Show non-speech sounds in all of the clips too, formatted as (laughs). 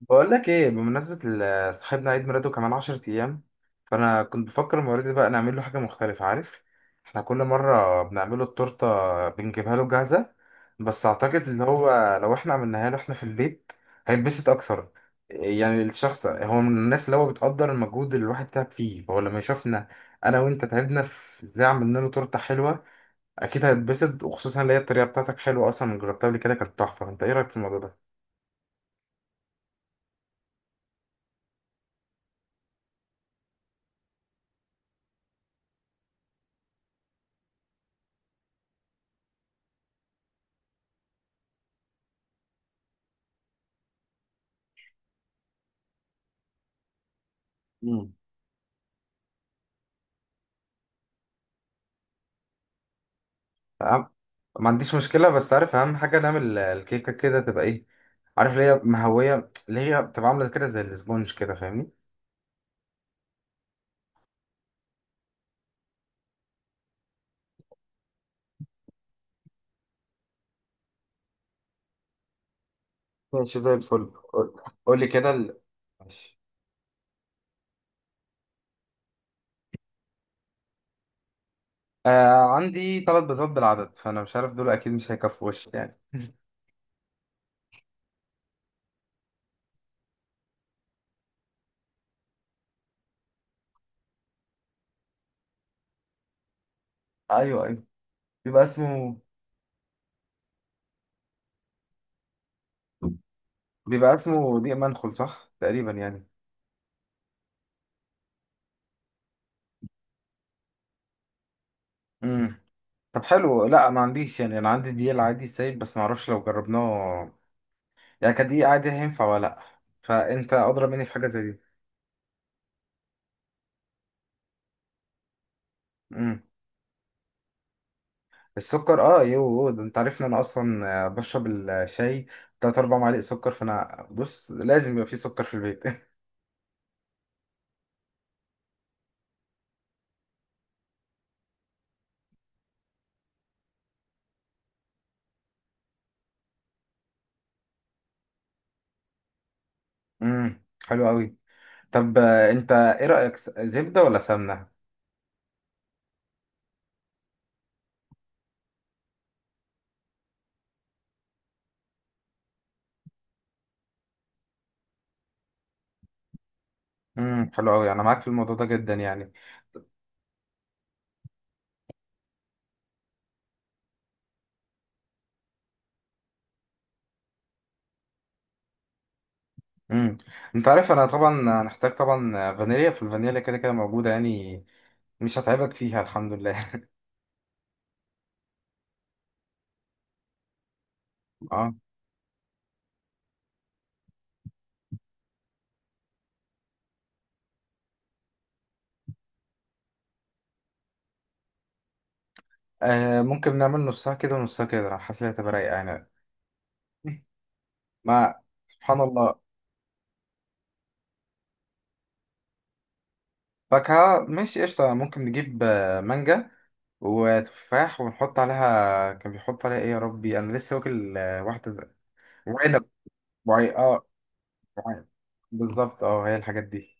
بقول لك ايه بمناسبة صاحبنا عيد ميلاده كمان 10 ايام. فانا كنت بفكر المرة دي بقى نعمل له حاجة مختلفة، عارف؟ احنا كل مرة بنعمله التورتة، بنجيبها له جاهزة، بس اعتقد اللي هو لو احنا عملناها له احنا في البيت هينبسط اكتر. يعني الشخص هو من الناس اللي هو بتقدر المجهود اللي الواحد تعب فيه، فهو لما يشوفنا انا وانت تعبنا في ازاي عملنا له تورتة حلوة اكيد هيتبسط، وخصوصا اللي هي الطريقة بتاعتك حلوة اصلا، جربتها قبل كده كانت تحفة. انت ايه رأيك في الموضوع ده؟ أهم- ما عنديش مشكلة، بس عارف أهم حاجة نعمل الكيكة كده تبقى إيه؟ عارف اللي هي مهوية، اللي هي بتبقى عاملة كده زي الاسبونج، كده فاهمني؟ ماشي زي الفل. قول، قول لي كده ماشي. آه، عندي 3 بيضات بالعدد، فأنا مش عارف دول أكيد مش هيكفوا وش يعني (laughs) أيوه، أيوه. بيبقى اسمه بيبقى اسمه دقيق منخل صح تقريبا يعني. امم. طب حلو، لا ما عنديش يعني، انا عندي دقيق العادي السايب، بس ما اعرفش لو جربناه يعني كدقيق عادي هينفع ولا لا. فانت اضرب مني في حاجه زي دي. مم. السكر، اه، يو ده، انت عارف ان انا اصلا بشرب الشاي تلات اربع معالق سكر، فانا بص لازم يبقى فيه سكر في البيت (laughs) امم، حلو قوي. طب انت ايه رايك، زبده ولا سمنه؟ امم، حلو قوي، انا معاك في الموضوع ده جدا يعني. امم. انت عارف انا طبعا هنحتاج طبعا فانيليا، في الفانيليا كده كده موجوده يعني، مش هتعبك فيها الحمد لله (laughs) اه. ممكن نعمل نصها كده ونصها كده، أنا حاسس إن هي هتبقى رايقه يعني (laughs) ما سبحان الله. فاكهة ماشي، قشطة، ممكن نجيب مانجا وتفاح، ونحط عليها كان بيحط عليها ايه يا ربي، انا لسه واكل واحدة وعنب. وعي، اه. وعنب. بالظبط، اه، هي الحاجات دي.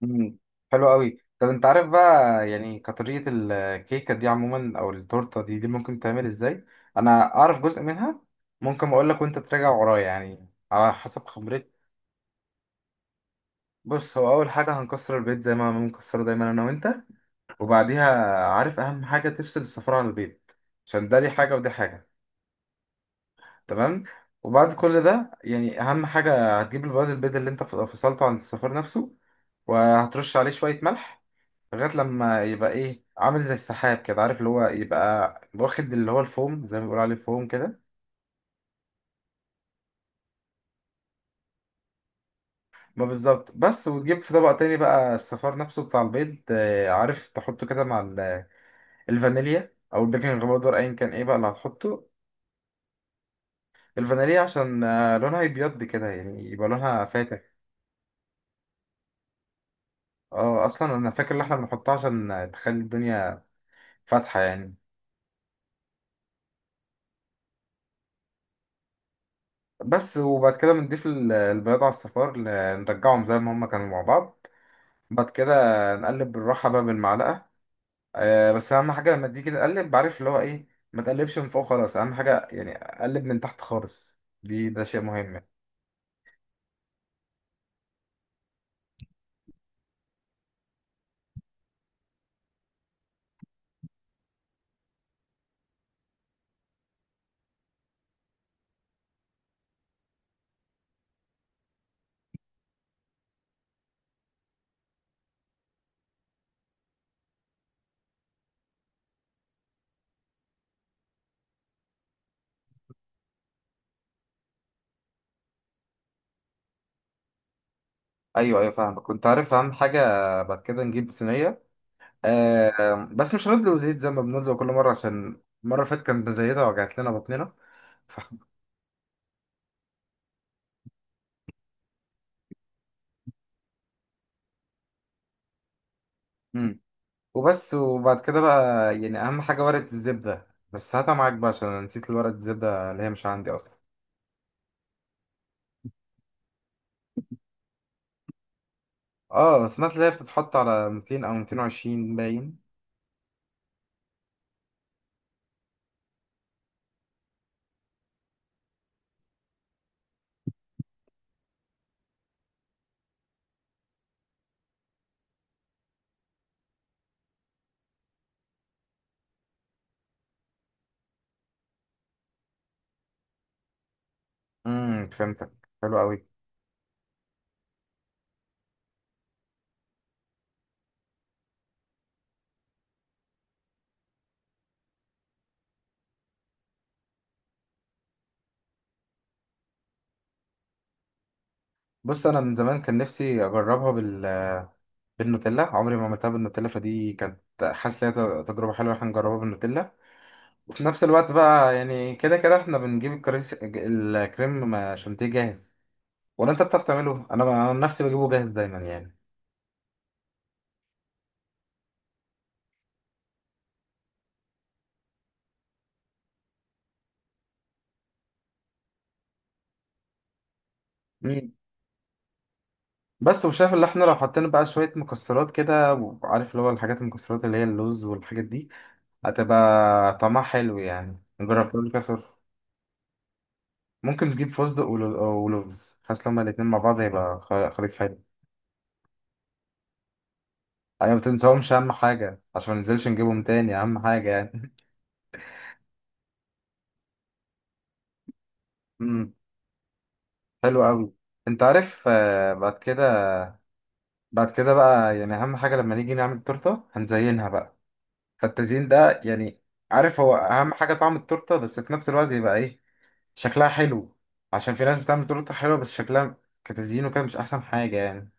مم. حلو قوي. طب انت عارف بقى يعني كطريقة الكيكة دي عموما او التورتة دي، ممكن تعمل ازاي؟ انا اعرف جزء منها، ممكن اقول لك وانت تراجع ورايا يعني على حسب خبرتي. بص هو اول حاجة هنكسر البيت زي ما بنكسره دايما انا وانت، وبعديها، عارف، اهم حاجه تفصل السفاره عن البيت عشان ده ليه حاجه ودي حاجه. تمام. وبعد كل ده يعني اهم حاجه هتجيب البياض، البيض اللي انت فصلته عن الصفار نفسه، وهترش عليه شويه ملح لغايه لما يبقى ايه عامل زي السحاب كده، عارف اللي هو يبقى واخد اللي هو الفوم زي ما بيقولوا عليه فوم كده. ما بالظبط. بس وتجيب في طبق تاني بقى الصفار نفسه بتاع البيض، عارف تحطه كده مع الفانيليا او البيكنج باودر ايا كان ايه بقى اللي هتحطه. الفانيليا عشان لونها يبيض كده يعني يبقى لونها فاتح. اه، اصلا انا فاكر ان احنا بنحطها عشان تخلي الدنيا فاتحة يعني. بس وبعد كده بنضيف البياض على الصفار، نرجعهم زي ما هما كانوا مع بعض. بعد كده نقلب بالراحة بقى بالمعلقة. بس اهم حاجة لما تيجي تقلب بعرف اللي هو ايه، ما تقلبش من فوق خلاص، اهم حاجة يعني قلب من تحت خالص. ده شيء مهم. ايوه، ايوه، فاهمك، كنت عارف اهم حاجة. بعد كده نجيب صينية، بس مش هنبدأ زيت زي ما بنبدأ كل مرة عشان المرة اللي فاتت كانت مزيدة وجعت لنا بطننا. ف... امم. وبس، وبعد كده بقى يعني أهم حاجة ورقة الزبدة، بس هاتها معاك بقى عشان أنا نسيت ورقة الزبدة اللي هي مش عندي أصلا. اه سمعت اللي هي بتتحط على 200 أو 220 باين. امم، فهمتك، حلو قوي. بص أنا من زمان كان نفسي أجربها بالنوتيلا، عمري ما عملتها بالنوتيلا، فدي كانت حاسس إن هي تجربة حلوة، إحنا نجربها بالنوتيلا. وفي نفس الوقت بقى يعني كده كده احنا بنجيب الكريم شانتيه جاهز، ولا انت بتعرف تعمله؟ انا عن نفسي بجيبه جاهز دايما يعني. مم. بس وشايف اللي احنا لو حطينا بقى شوية مكسرات كده، وعارف اللي هو الحاجات المكسرات اللي هي اللوز والحاجات دي، هتبقى طعمها حلو يعني، نجرب كل كده صرف. ممكن تجيب فستق ولوز، حاسس لما الاتنين مع بعض هيبقى خليط حلو يعني. ما تنساهمش اهم حاجة عشان ما ننزلش نجيبهم تاني، اهم حاجة يعني (laughs) امم، حلو قوي. انت عارف بعد كده، بعد كده بقى يعني اهم حاجه لما نيجي نعمل تورته هنزينها بقى. فالتزيين ده يعني، عارف، هو اهم حاجه طعم التورته، بس في نفس الوقت يبقى ايه؟ شكلها حلو. عشان في ناس بتعمل تورته حلوه بس شكلها كتزيين وكده مش احسن حاجه يعني.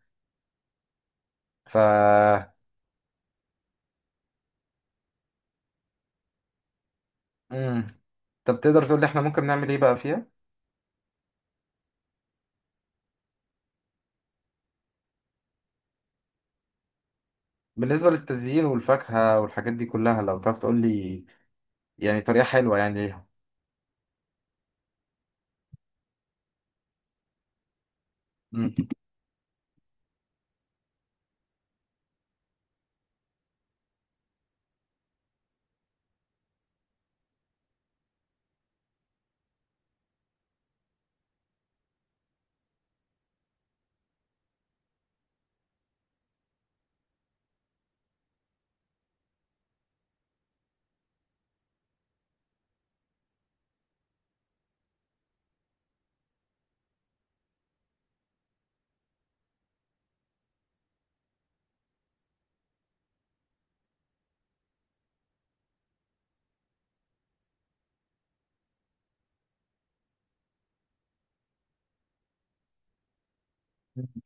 ف امم. طب تقدر تقول لي احنا ممكن نعمل ايه بقى فيها؟ بالنسبه للتزيين والفاكهه والحاجات دي كلها لو تعرف تقول لي يعني طريقه حلوه يعني ليها. امم.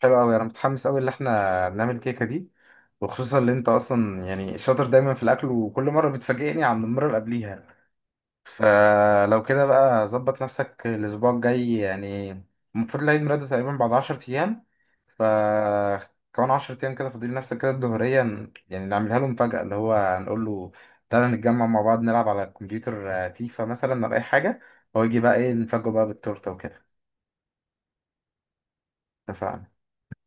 حلو قوي، انا متحمس قوي ان احنا نعمل الكيكه دي، وخصوصا اللي انت اصلا يعني شاطر دايما في الاكل، وكل مره بتفاجئني عن المره اللي قبليها. فلو كده بقى ظبط نفسك الاسبوع الجاي يعني، المفروض العيد ميلاده تقريبا بعد 10 ايام. ف كمان 10 ايام كده فاضل، نفسك كده الظهريه يعني نعملها له مفاجاه اللي هو نقول له تعالى نتجمع مع بعض نلعب على الكمبيوتر، فيفا مثلا ولا اي حاجه، هو يجي بقى ايه نفاجئه بقى بالتورته وكده. اتفقنا.